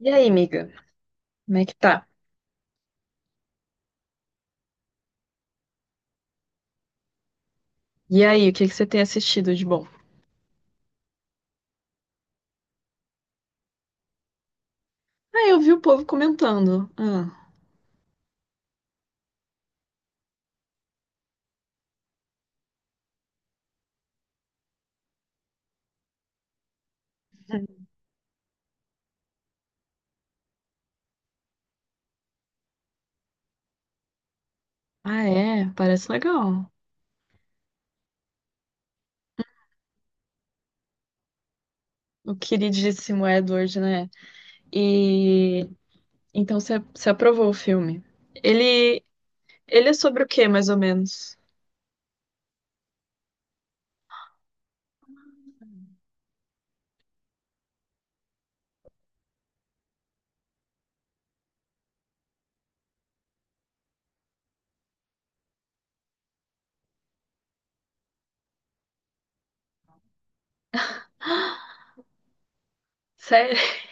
E aí, amiga? Como é que tá? E aí, o que que você tem assistido de bom? Ah, eu vi o povo comentando. Ah, ah, é? Parece legal. O queridíssimo Edward, né? E então você aprovou o filme. Ele ele é sobre o quê, mais ou menos? Sério?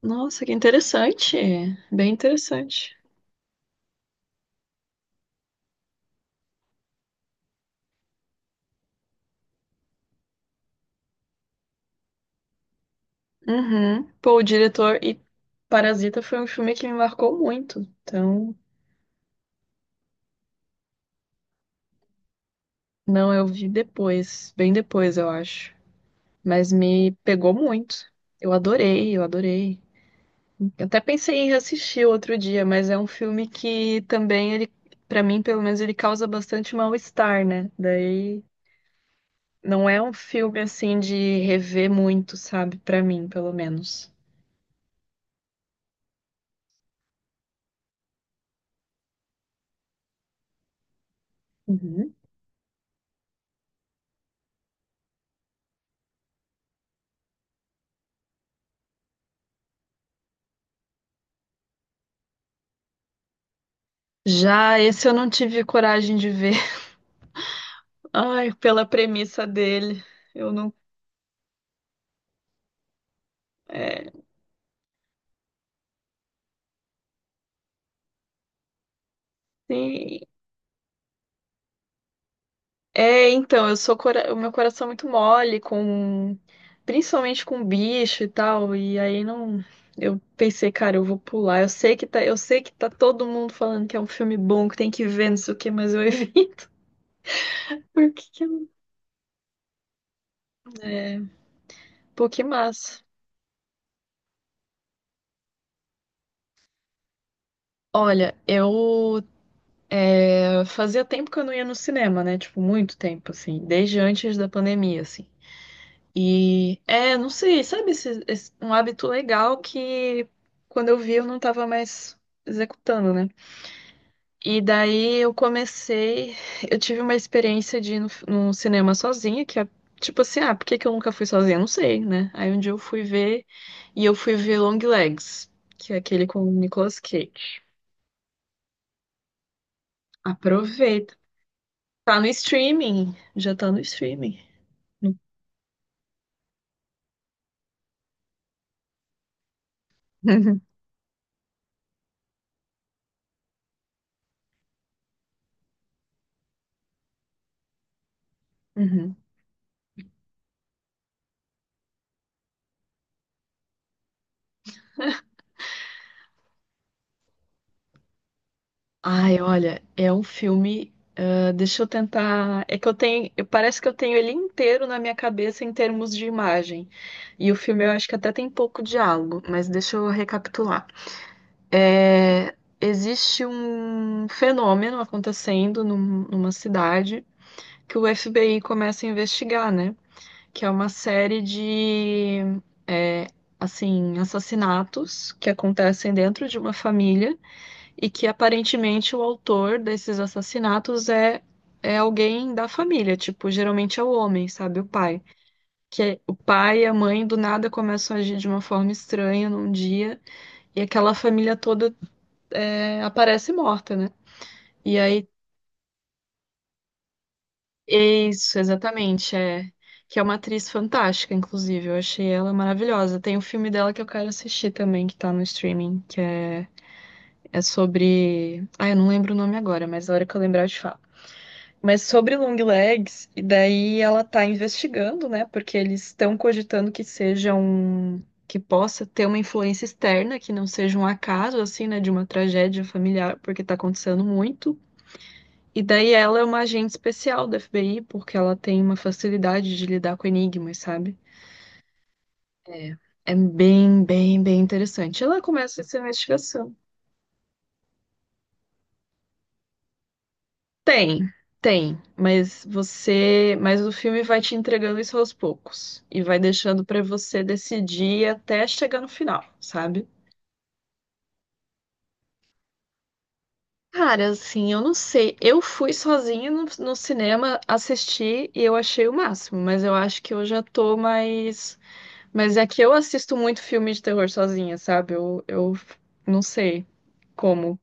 Nossa, que interessante. Bem interessante. Uhum. Pô, o diretor e Parasita foi um filme que me marcou muito. Então, não, eu vi depois, bem depois, eu acho. Mas me pegou muito. Eu adorei, eu adorei. Eu até pensei em reassistir outro dia, mas é um filme que também ele, para mim, pelo menos ele causa bastante mal-estar, né? Daí não é um filme assim de rever muito, sabe? Pra mim, pelo menos. Uhum. Já esse eu não tive coragem de ver. Ai, pela premissa dele. Eu não. É, sim. É, então, eu sou cora... o meu coração é muito mole com principalmente com bicho e tal, e aí não eu pensei, cara, eu vou pular. Eu sei que tá, eu sei que tá todo mundo falando que é um filme bom, que tem que ver, não sei o quê, mas eu evito. Porque que eu- Pô, que massa. Olha, eu fazia tempo que eu não ia no cinema, né? Tipo, muito tempo assim, desde antes da pandemia, assim. E não sei, sabe, um hábito legal que quando eu vi eu não tava mais executando, né? E daí eu comecei, eu tive uma experiência de ir no, num cinema sozinha, que é tipo assim, ah, por que que eu nunca fui sozinha? Não sei, né? Aí um dia eu fui ver e eu fui ver Long Legs, que é aquele com o Nicolas Cage. Aproveita. Tá no streaming, já tá no streaming. Uhum. Ai, olha, é um filme Deixa eu tentar. É que eu tenho. Eu- Parece que eu tenho ele inteiro na minha cabeça em termos de imagem. E o filme eu acho que até tem pouco diálogo, mas deixa eu recapitular. É, existe um fenômeno acontecendo numa cidade que o FBI começa a investigar, né? Que é uma série de, é, assim, assassinatos que acontecem dentro de uma família e que aparentemente o autor desses assassinatos é alguém da família, tipo, geralmente é o homem, sabe, o pai. O pai e a mãe do nada começam a agir de uma forma estranha num dia e aquela família toda é, aparece morta, né? E aí, isso, exatamente, é que é uma atriz fantástica, inclusive, eu achei ela maravilhosa. Tem um filme dela que eu quero assistir também, que tá no streaming, que é sobre. Ah, eu não lembro o nome agora, mas a hora que eu lembrar eu te falo. Mas sobre long legs, e daí ela tá investigando, né? Porque eles estão cogitando que seja um que possa ter uma influência externa, que não seja um acaso assim, né, de uma tragédia familiar, porque tá acontecendo muito. E daí ela é uma agente especial da FBI, porque ela tem uma facilidade de lidar com enigmas, sabe? É, é bem interessante. Ela começa essa investigação. Tem, tem, mas o filme vai te entregando isso aos poucos e vai deixando pra você decidir até chegar no final, sabe? Cara, assim, eu não sei. Eu fui sozinha no cinema assistir e eu achei o máximo, mas eu acho que eu já tô mais. Mas é que eu assisto muito filme de terror sozinha, sabe? Eu não sei como.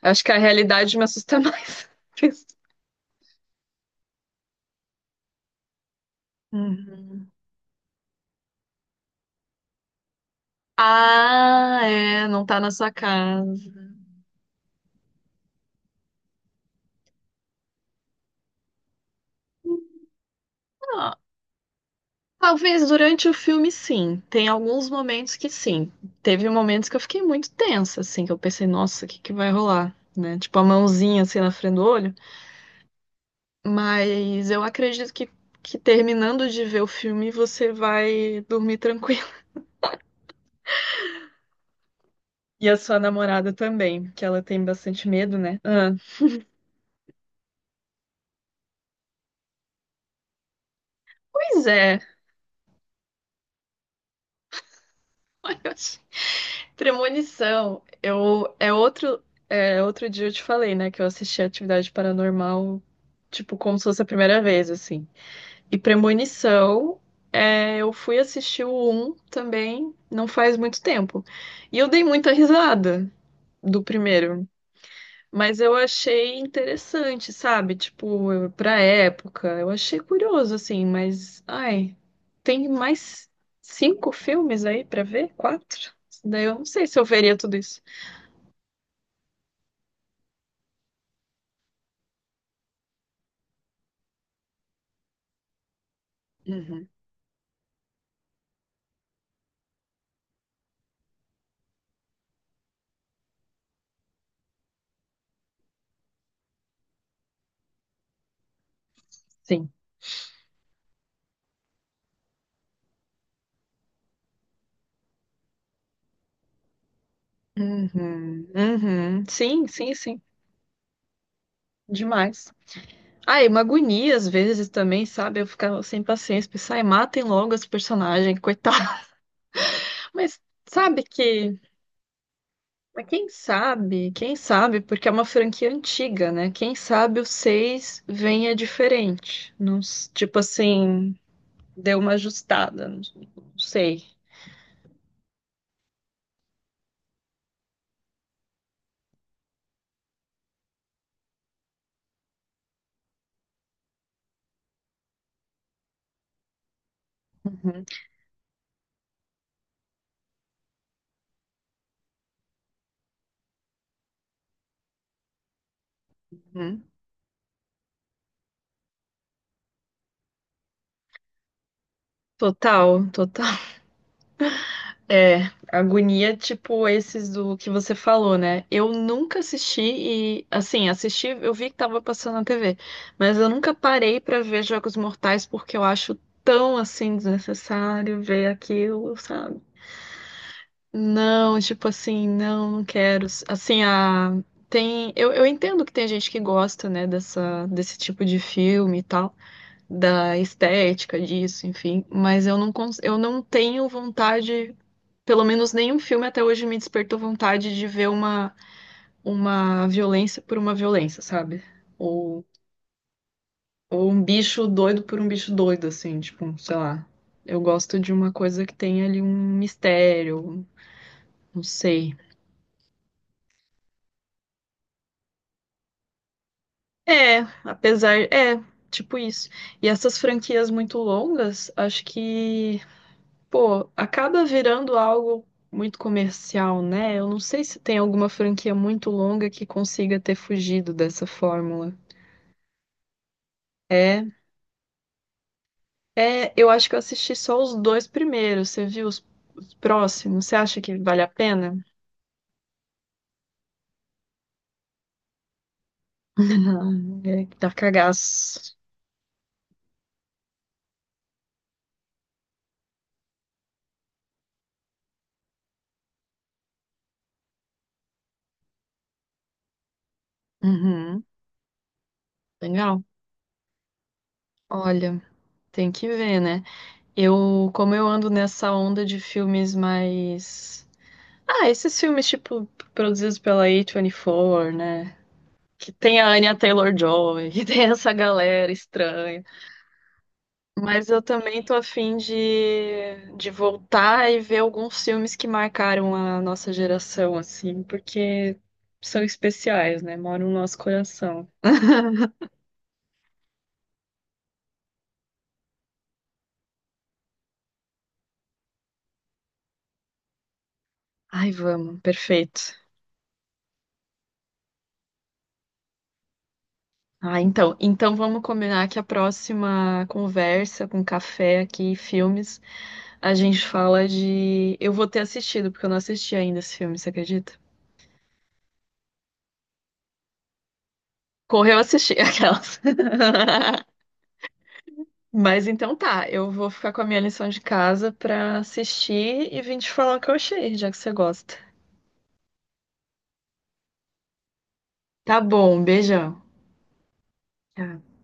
Acho que a realidade me assusta mais. Uhum. Ah, é, não tá na sua casa. Ah, talvez durante o filme, sim. Tem alguns momentos que sim. Teve momentos que eu fiquei muito tensa, assim, que eu pensei, nossa, o que que vai rolar, né? Tipo, a mãozinha, assim, na frente do olho. Mas eu acredito que terminando de ver o filme, você vai dormir tranquilo. E a sua namorada também, que ela tem bastante medo, né? Ah, pois é. Ai, eu achei- Premonição. Eu, é, outro dia eu te falei, né, que eu assisti Atividade Paranormal, tipo, como se fosse a primeira vez, assim. E Premonição, é, eu fui assistir o um também, não faz muito tempo. E eu dei muita risada do primeiro, mas eu achei interessante, sabe? Pra época, eu achei curioso, assim, mas, ai, tem mais cinco filmes aí pra ver? Quatro? Daí eu não sei se eu veria tudo isso. Uhum, sim. Uhum, uhum. Sim, sim, sim. Demais. Ah, e uma agonia às vezes também, sabe? Eu ficava sem paciência, pensar, ai, matem logo esse personagem, coitado. Mas sabe que. Mas quem sabe, porque é uma franquia antiga, né? Quem sabe o 6 venha diferente. Não, tipo assim, deu uma ajustada, não não sei. Uhum, uhum. Total, total. É, agonia, tipo esses do que você falou, né? Eu nunca assisti, eu vi que tava passando na TV, mas eu nunca parei pra ver Jogos Mortais porque eu acho tão, assim, desnecessário ver aquilo, sabe? Não, tipo assim, não, não quero. Assim, a tem, eu entendo que tem gente que gosta, né, dessa desse tipo de filme e tal, da estética disso, enfim, mas eu não cons... eu não tenho vontade pelo menos nenhum filme até hoje me despertou vontade de ver uma violência por uma violência, sabe? Ou, ou um bicho doido por um bicho doido, assim, tipo, sei lá. Eu gosto de uma coisa que tem ali um mistério, não sei. É, apesar. É, tipo isso. E essas franquias muito longas, acho que, pô, acaba virando algo muito comercial, né? Eu não sei se tem alguma franquia muito longa que consiga ter fugido dessa fórmula. É. É, eu acho que eu assisti só os dois primeiros. Você viu os próximos? Você acha que vale a pena? Não, é que dá cagaço. Uhum, legal. Olha, tem que ver, né? Eu, como eu ando nessa onda de filmes mais. Ah, esses filmes, tipo, produzidos pela A24, né? Que tem a Anya Taylor-Joy, que tem essa galera estranha. Mas eu também tô afim de voltar e ver alguns filmes que marcaram a nossa geração, assim, porque são especiais, né? Moram no nosso coração. Ai, vamos, perfeito. Ah, então, então vamos combinar que a próxima conversa com café aqui, e filmes, a gente fala de. Eu vou ter assistido, porque eu não assisti ainda esse filme, você acredita? Correu assistir aquelas. Mas então tá, eu vou ficar com a minha lição de casa pra assistir e vim te falar o que eu achei, já que você gosta. Tá bom, beijão. Tchau.